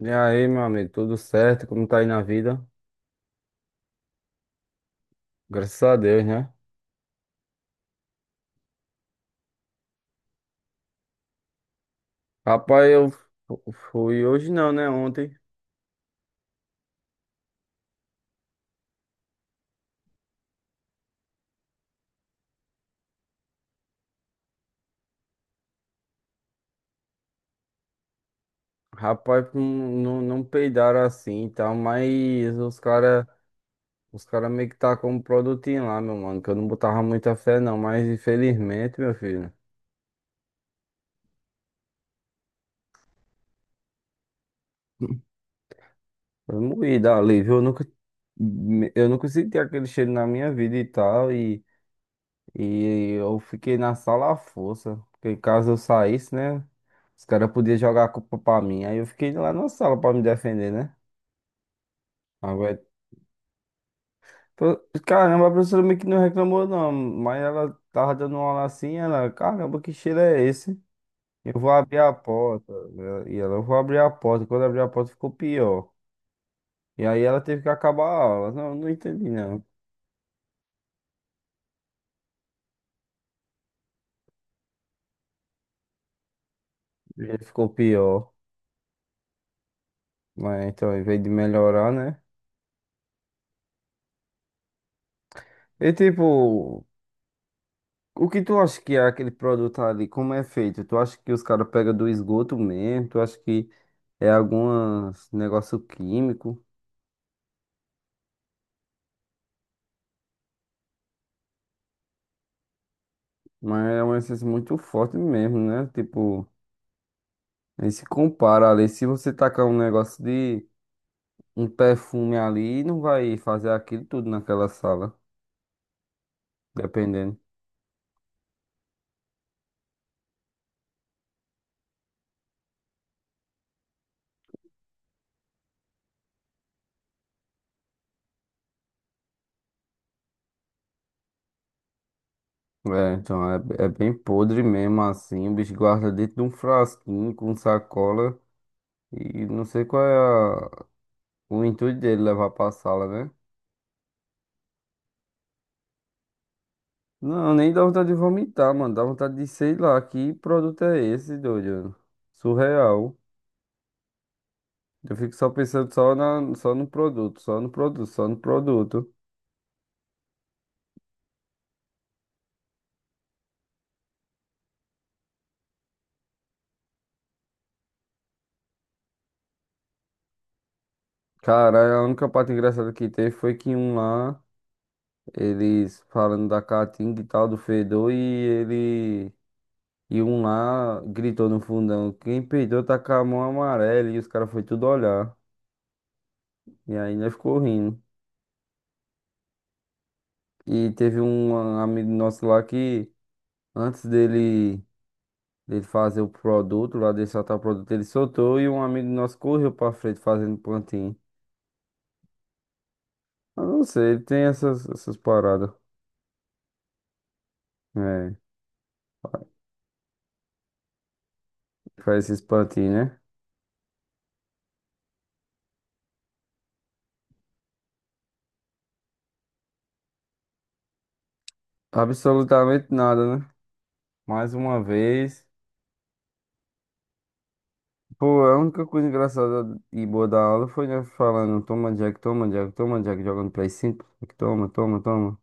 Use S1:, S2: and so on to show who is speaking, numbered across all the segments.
S1: E aí, meu amigo, tudo certo? Como tá aí na vida? Graças a Deus, né? Rapaz, eu fui hoje não, né? Ontem. Rapaz, não, não peidaram assim e tal, mas os cara meio que tá com um produtinho lá, meu mano, que eu não botava muita fé não, mas infelizmente, meu filho, foi moída ali, viu? Eu nunca senti aquele cheiro na minha vida e tal, e eu fiquei na sala à força. Porque caso eu saísse, né? Os caras podiam jogar a culpa pra mim. Aí eu fiquei lá na sala pra me defender, né? Agora, caramba, a professora meio que não reclamou, não. Mas ela tava dando uma aula assim, ela, caramba, que cheiro é esse? Eu vou abrir a porta, né? E ela, eu vou abrir a porta. Quando abriu a porta, ficou pior. E aí ela teve que acabar a aula. Não, não entendi, não. E aí ficou pior. Mas então, em vez de melhorar, né? E tipo. O que tu acha que é aquele produto ali? Como é feito? Tu acha que os caras pegam do esgoto mesmo? Tu acha que é algum negócio químico? Mas é uma essência muito forte mesmo, né? Tipo, nem se compara ali. Se você tacar um negócio de um perfume ali, não vai fazer aquilo tudo naquela sala, dependendo. É, então é bem podre mesmo assim. O bicho guarda dentro de um frasquinho com sacola. E não sei qual é a- o intuito dele levar pra sala, né? Não, nem dá vontade de vomitar, mano. Dá vontade de, sei lá, que produto é esse, doido? Surreal. Eu fico só pensando só, na, só no produto, só no produto, só no produto. Cara, a única parte engraçada que teve foi que um lá, eles falando da caatinga e tal, do fedor, e ele. E um lá gritou no fundão: quem peidou tá com a mão amarela, e os caras foi tudo olhar. E ainda ficou rindo. E teve um amigo nosso lá que, antes dele. Dele fazer o produto, lá dele soltar o produto, ele soltou e um amigo nosso correu pra frente fazendo plantinho. Eu não sei, ele tem essas, essas paradas. É, faz esses plantinhos, né? Absolutamente nada, né? Mais uma vez. Pô, a única coisa engraçada e boa da aula foi nós falando, toma Jack, toma Jack, toma Jack, jogando Play 5. Jack, toma, toma, toma.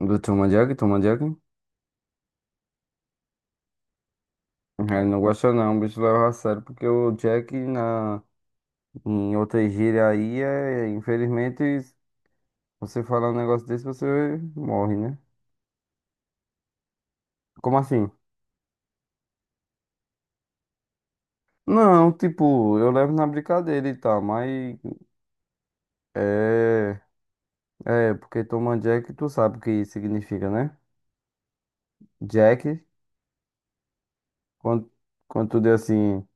S1: Do toma Jack, toma Jack. Ele não gosta não, o bicho leva a sério, porque o Jack na, em outra gíria aí é, infelizmente, você falar um negócio desse, você morre, né? Como assim? Não, tipo, eu levo na brincadeira e tal, mas é. É, porque toma Jack, tu sabe o que significa, né? Jack, quando, quando tu diz assim,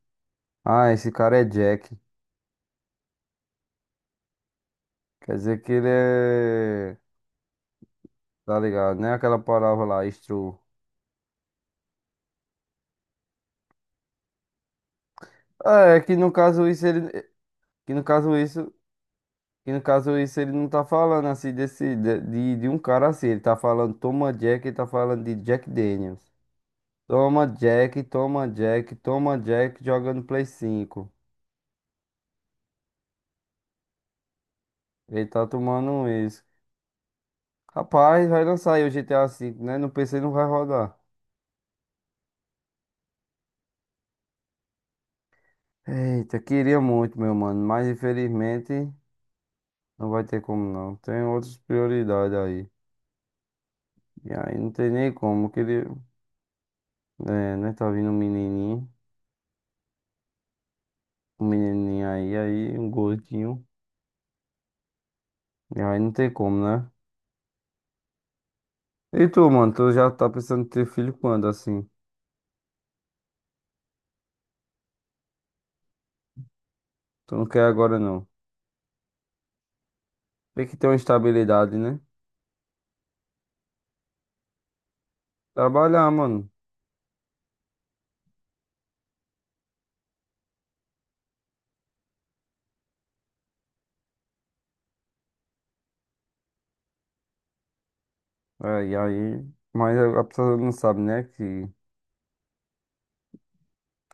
S1: ah, esse cara é Jack, quer dizer que ele é. Tá ligado, né? Aquela palavra lá, estru. É, que no caso isso ele. Que no caso isso. Que no caso isso ele não tá falando assim desse. De um cara assim, ele tá falando toma Jack, ele tá falando de Jack Daniels. Toma Jack, toma Jack, toma Jack jogando Play 5. Ele tá tomando um isso. Rapaz, vai lançar aí o GTA V, né? No PC não vai rodar. Eita, queria muito, meu mano, mas infelizmente não vai ter como não. Tem outras prioridades aí. E aí não tem nem como. Eu queria, é, né? Tá vindo um menininho aí, aí um gordinho. E aí não tem como, né? E tu, mano, tu já tá pensando em ter filho quando assim? Tu não quer agora não. Tem que ter uma estabilidade, né? Trabalhar, mano. É, e aí, mas a pessoa não sabe, né? Que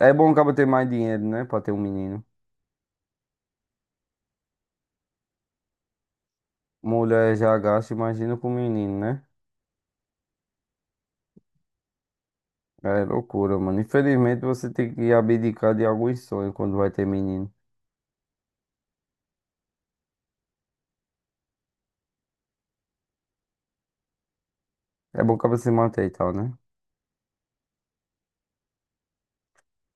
S1: é bom o ter mais dinheiro, né? Pra ter um menino. Mulher já gasta, imagina com um menino, né? É loucura, mano. Infelizmente você tem que abdicar de alguns sonhos quando vai ter menino. É bom o se manter e tal, né?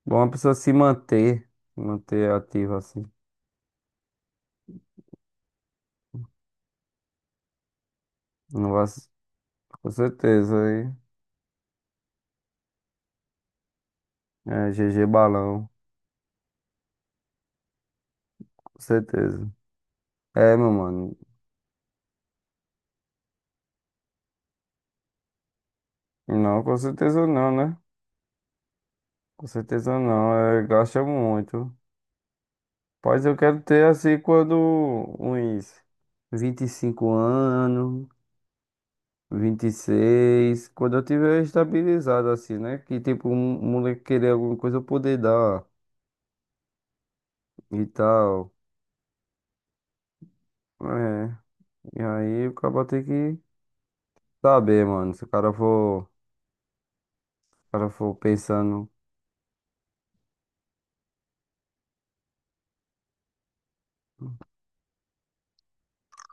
S1: Bom a pessoa se manter, se manter ativa assim. Não vai. Com certeza, aí. É, GG Balão, com certeza. É, meu mano. Não, com certeza não, né? Com certeza não, é, gasta muito. Pois eu quero ter assim quando uns 25 anos, 26 quando eu tiver estabilizado assim, né? Que tipo, um moleque querer alguma coisa eu poder dar e tal. É, e aí o cara tem que saber, mano, se o cara for pensando.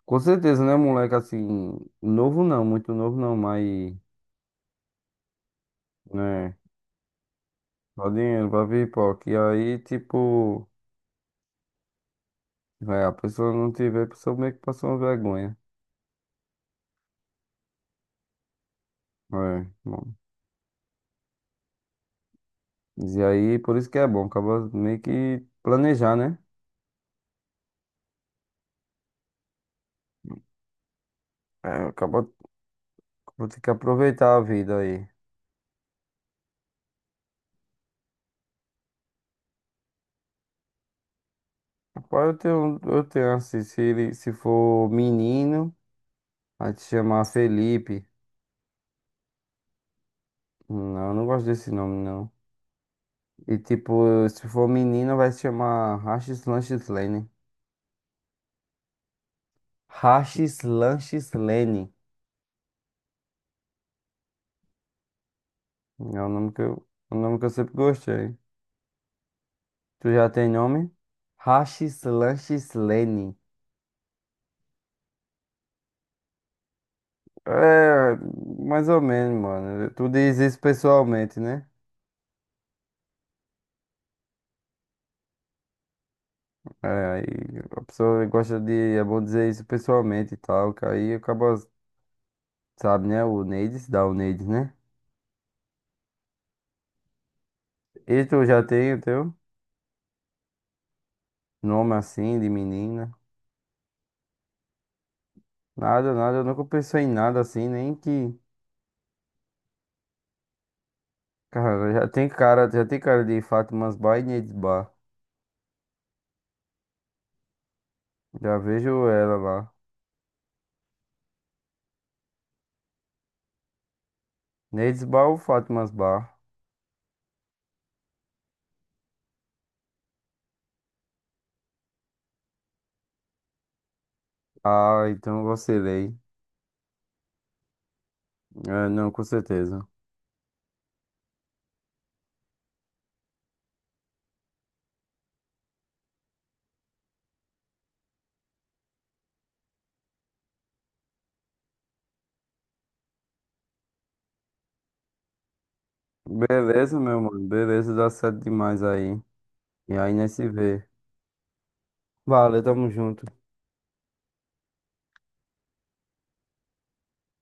S1: Com certeza, né, moleque, assim, novo não, muito novo não, mas, né, só dinheiro pra pipoca. E aí, tipo, é, a pessoa não tiver, a pessoa meio que passou uma vergonha. É, bom. E aí, por isso que é bom, acaba meio que planejar, né? É, acaba vou ter que aproveitar a vida aí. Rapaz, eu tenho assim, se ele, se for menino, vai te chamar Felipe. Não, eu não gosto desse nome, não. E tipo, se for menina, vai se chamar Rachis Lanches Lane. Rachis Lanches Lane. É o nome que eu, o nome que eu sempre gostei. Tu já tem nome? Rachis Lanches Lane. É, mais ou menos, mano. Tu diz isso pessoalmente, né? É, aí a pessoa gosta de, é bom dizer isso pessoalmente e tal, que aí acaba, sabe, né? O Neides, dá o Neides, né? E tu já tem o teu nome assim, de menina? Nada, nada, eu nunca pensei em nada assim, nem que. Cara, já tem cara, já tem cara de Fátimas Bar e Neides Bar. Já vejo ela lá. Neides Bar ou Fátimas Bar? Ah, então eu vacilei. É, não, com certeza. Beleza, meu mano. Beleza, dá certo demais aí. E aí, nós se vê. Valeu, tamo junto.